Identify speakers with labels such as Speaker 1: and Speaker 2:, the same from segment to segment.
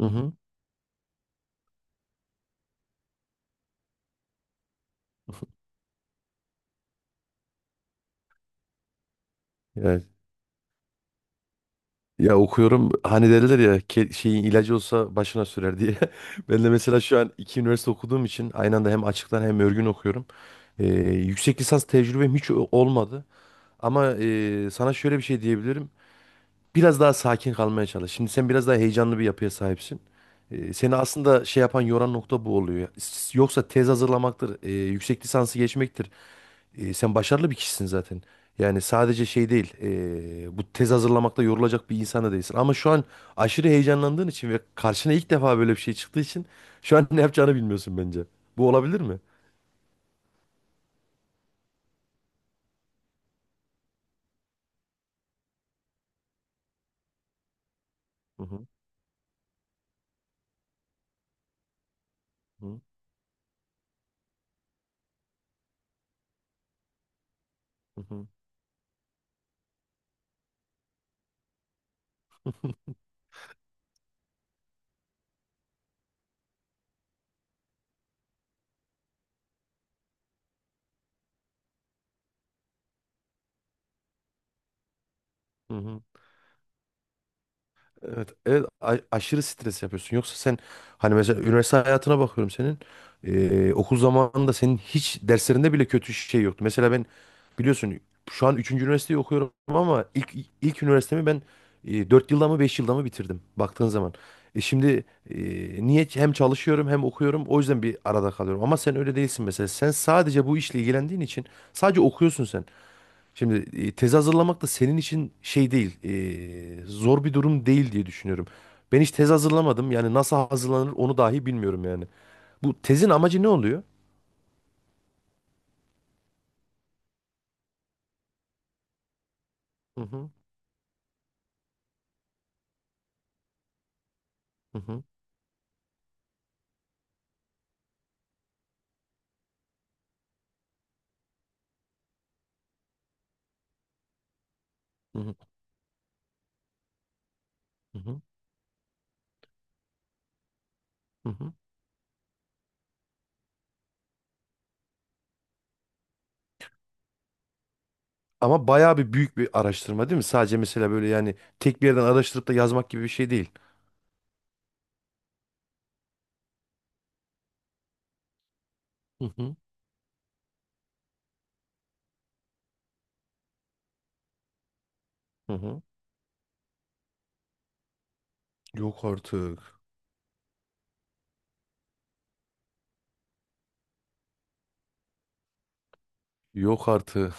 Speaker 1: Hı hı. Ya, ya okuyorum hani derler ya ke- şeyin ilacı olsa başına sürer diye. Ben de mesela şu an iki üniversite okuduğum için aynı anda hem açıktan hem örgün okuyorum. Yüksek lisans tecrübem hiç olmadı. Ama sana şöyle bir şey diyebilirim. Biraz daha sakin kalmaya çalış. Şimdi sen biraz daha heyecanlı bir yapıya sahipsin. Seni aslında şey yapan yoran nokta bu oluyor. Yoksa tez hazırlamaktır, yüksek lisansı geçmektir. Sen başarılı bir kişisin zaten. Yani sadece şey değil, bu tez hazırlamakta yorulacak bir insan da değilsin. Ama şu an aşırı heyecanlandığın için ve karşına ilk defa böyle bir şey çıktığı için şu an ne yapacağını bilmiyorsun bence. Bu olabilir mi? Hı hı. Hı hı. Hı hı. Evet, evet, aşırı stres yapıyorsun. Yoksa sen hani mesela üniversite hayatına bakıyorum senin. Okul zamanında senin hiç derslerinde bile kötü şey yoktu. Mesela ben biliyorsun şu an üçüncü üniversiteyi okuyorum ama ilk üniversitemi ben, 4 yılda mı 5 yılda mı bitirdim baktığın zaman. E şimdi, e, niye hem çalışıyorum hem okuyorum, o yüzden bir arada kalıyorum. Ama sen öyle değilsin mesela. Sen sadece bu işle ilgilendiğin için sadece okuyorsun sen. Şimdi tezi hazırlamak da senin için şey değil, zor bir durum değil diye düşünüyorum. Ben hiç tez hazırlamadım. Yani nasıl hazırlanır onu dahi bilmiyorum yani. Bu tezin amacı ne oluyor? Hı hı. Hı hı. Hı hı. Hı hı. Hı hı. Ama bayağı bir büyük bir araştırma değil mi? Sadece mesela böyle yani tek bir yerden araştırıp da yazmak gibi bir şey değil. Hı hı. Hı hı. Yok artık. Yok artık.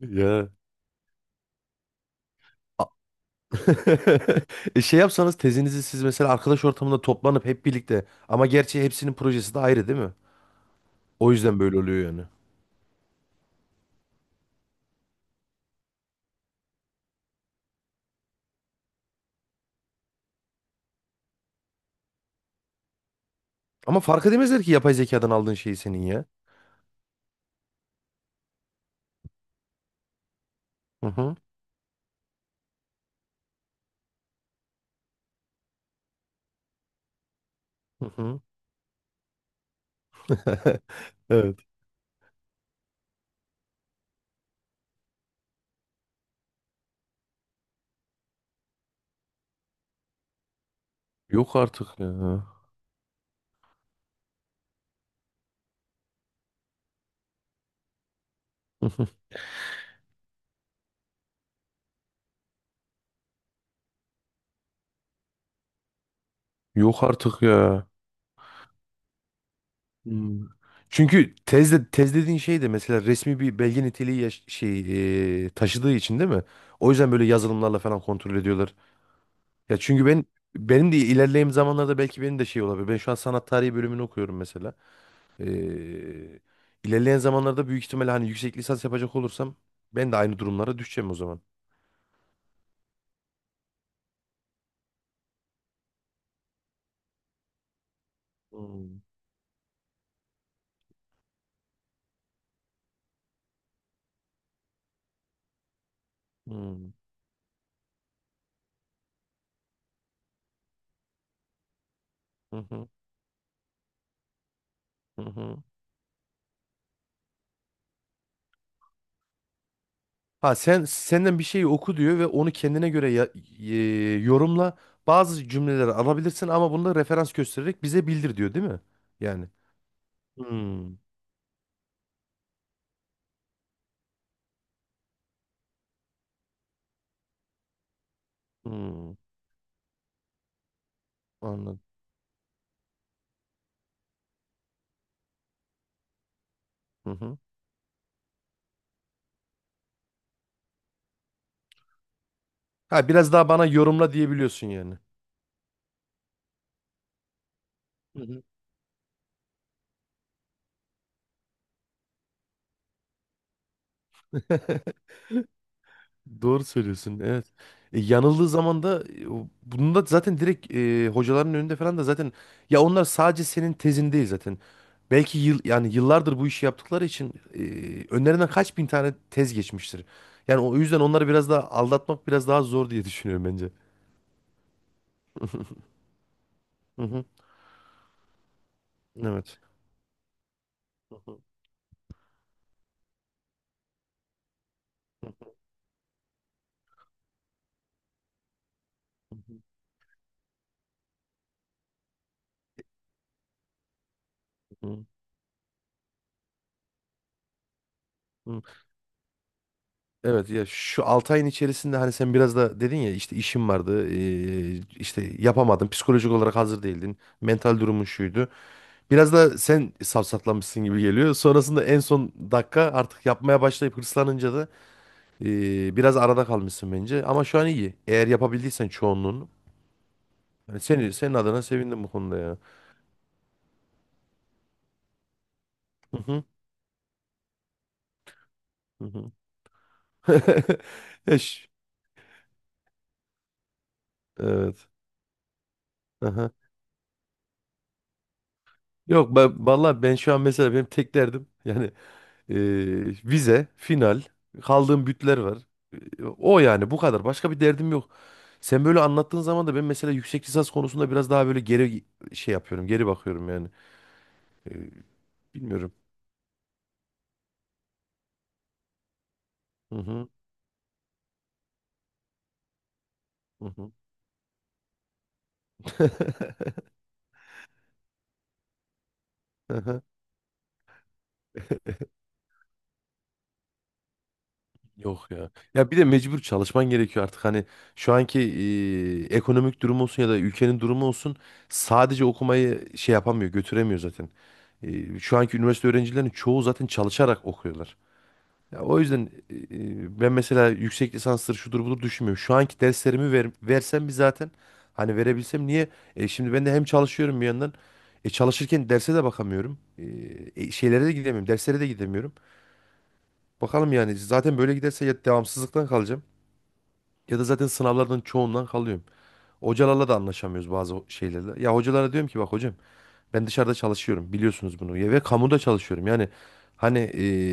Speaker 1: Ya. E şey yapsanız tezinizi siz mesela arkadaş ortamında toplanıp hep birlikte, ama gerçi hepsinin projesi de ayrı değil mi? O yüzden böyle oluyor yani. Ama fark edemezler ki yapay zekadan aldığın şeyi senin ya. Hı hı. Hı hı. Evet. Yok artık ya. Hı hı. Yok artık ya. Hmm. Çünkü tezde, tez dediğin şey de mesela resmi bir belge niteliği şey, taşıdığı için değil mi? O yüzden böyle yazılımlarla falan kontrol ediyorlar. Ya çünkü benim de ilerleyen zamanlarda belki benim de şey olabilir. Ben şu an sanat tarihi bölümünü okuyorum mesela. Ee, ilerleyen zamanlarda büyük ihtimalle hani yüksek lisans yapacak olursam ben de aynı durumlara düşeceğim o zaman. Hmm. Hmm. Hı hı. Hı hı. Ha sen, senden bir şeyi oku diyor ve onu kendine göre e, yorumla. Bazı cümleleri alabilirsin ama bunu da referans göstererek bize bildir diyor değil mi? Yani. Hmm. Hmm. Anladım. Hı hı. Ha biraz daha bana yorumla diyebiliyorsun yani. Hı hı. Doğru söylüyorsun. Evet. Yanıldığı zaman da, bunu da zaten direkt, hocaların önünde falan da zaten, ya onlar sadece senin tezin değil zaten. Belki yıl, yani yıllardır bu işi yaptıkları için, önlerinden kaç bin tane tez geçmiştir. Yani o yüzden onları biraz daha aldatmak biraz daha zor diye düşünüyorum bence. Hı hı. Evet. Hı hı. Hı hı. Hı hı. Evet ya, şu 6 ayın içerisinde hani sen biraz da dedin ya, işte işim vardı, işte yapamadın, psikolojik olarak hazır değildin, mental durumun şuydu. Biraz da sen safsatlamışsın gibi geliyor. Sonrasında en son dakika artık yapmaya başlayıp hırslanınca da, biraz arada kalmışsın bence. Ama şu an iyi. Eğer yapabildiysen çoğunluğunu. Yani seni, senin adına sevindim bu konuda ya. Hı hı. Hı hı. Eş. Evet. Aha. Yok ben vallahi, ben şu an mesela benim tek derdim yani, e, vize, final, kaldığım bütler var. O yani bu kadar. Başka bir derdim yok. Sen böyle anlattığın zaman da ben mesela yüksek lisans konusunda biraz daha böyle geri şey yapıyorum, geri bakıyorum yani. Ee, Bilmiyorum. Hı hı. Hı hı. Hı hı. Yok ya. Ya bir de mecbur çalışman gerekiyor artık. Hani şu anki, ekonomik durum olsun ya da ülkenin durumu olsun, sadece okumayı şey yapamıyor, götüremiyor zaten. Şu anki üniversite öğrencilerinin çoğu zaten çalışarak okuyorlar. Ya o yüzden ben mesela yüksek lisansları şudur budur düşünmüyorum. Şu anki derslerimi ver, versem bir zaten, hani verebilsem niye? Şimdi ben de hem çalışıyorum bir yandan. Çalışırken derse de bakamıyorum. Şeylere de gidemiyorum. Derslere de gidemiyorum. Bakalım yani, zaten böyle giderse ya devamsızlıktan kalacağım ya da zaten sınavlardan çoğundan kalıyorum. Hocalarla da anlaşamıyoruz bazı şeylerle. Ya hocalara diyorum ki bak hocam, ben dışarıda çalışıyorum biliyorsunuz bunu, ya ve kamuda çalışıyorum yani, hani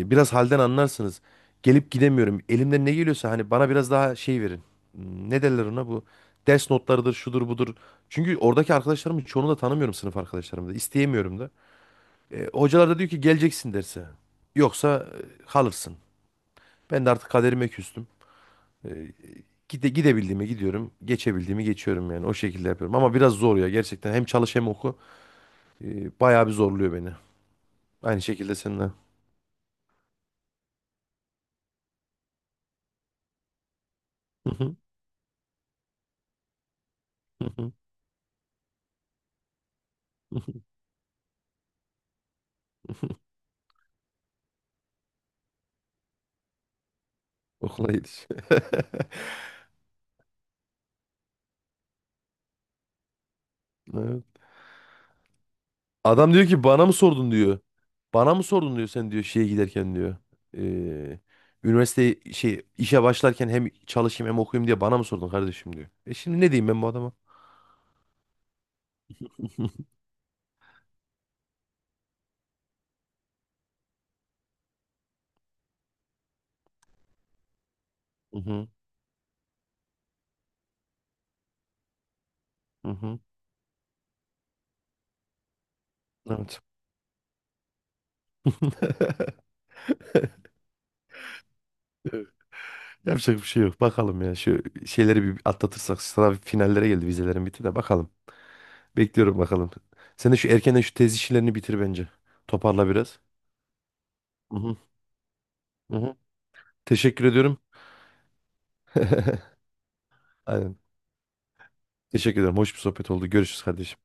Speaker 1: biraz halden anlarsınız, gelip gidemiyorum, elimden ne geliyorsa hani bana biraz daha şey verin. Hmm, ne derler ona, bu ders notlarıdır şudur budur, çünkü oradaki arkadaşlarımın çoğunu da tanımıyorum, sınıf arkadaşlarımı da isteyemiyorum da. Hocalar da diyor ki geleceksin derse, yoksa kalırsın. Ben de artık kaderime küstüm, e, gidebildiğime gidiyorum, geçebildiğimi geçiyorum yani o şekilde yapıyorum ama biraz zor ya, gerçekten hem çalış hem oku, e, bayağı bir zorluyor beni. Aynı şekilde seninle. Hı hı. Hı hı. Hı hı. Okula gidiş. Evet. Adam diyor ki bana mı sordun diyor. Bana mı sordun diyor, sen diyor şeye giderken diyor. Ee, Üniversite şey, işe başlarken hem çalışayım hem okuyayım diye bana mı sordun kardeşim diyor. E şimdi ne diyeyim ben bu adama? Hı hı. Hı hı. Evet. Evet. Yapacak bir şey yok. Bakalım ya, şu şeyleri bir atlatırsak, sınav finallere geldi, vizelerin bitti de bakalım. Bekliyorum bakalım. Sen de şu erkenden şu tez işlerini bitir bence. Toparla biraz. Hı hı. Hı hı. Teşekkür ediyorum. Aynen. Teşekkür ederim. Hoş bir sohbet oldu. Görüşürüz kardeşim.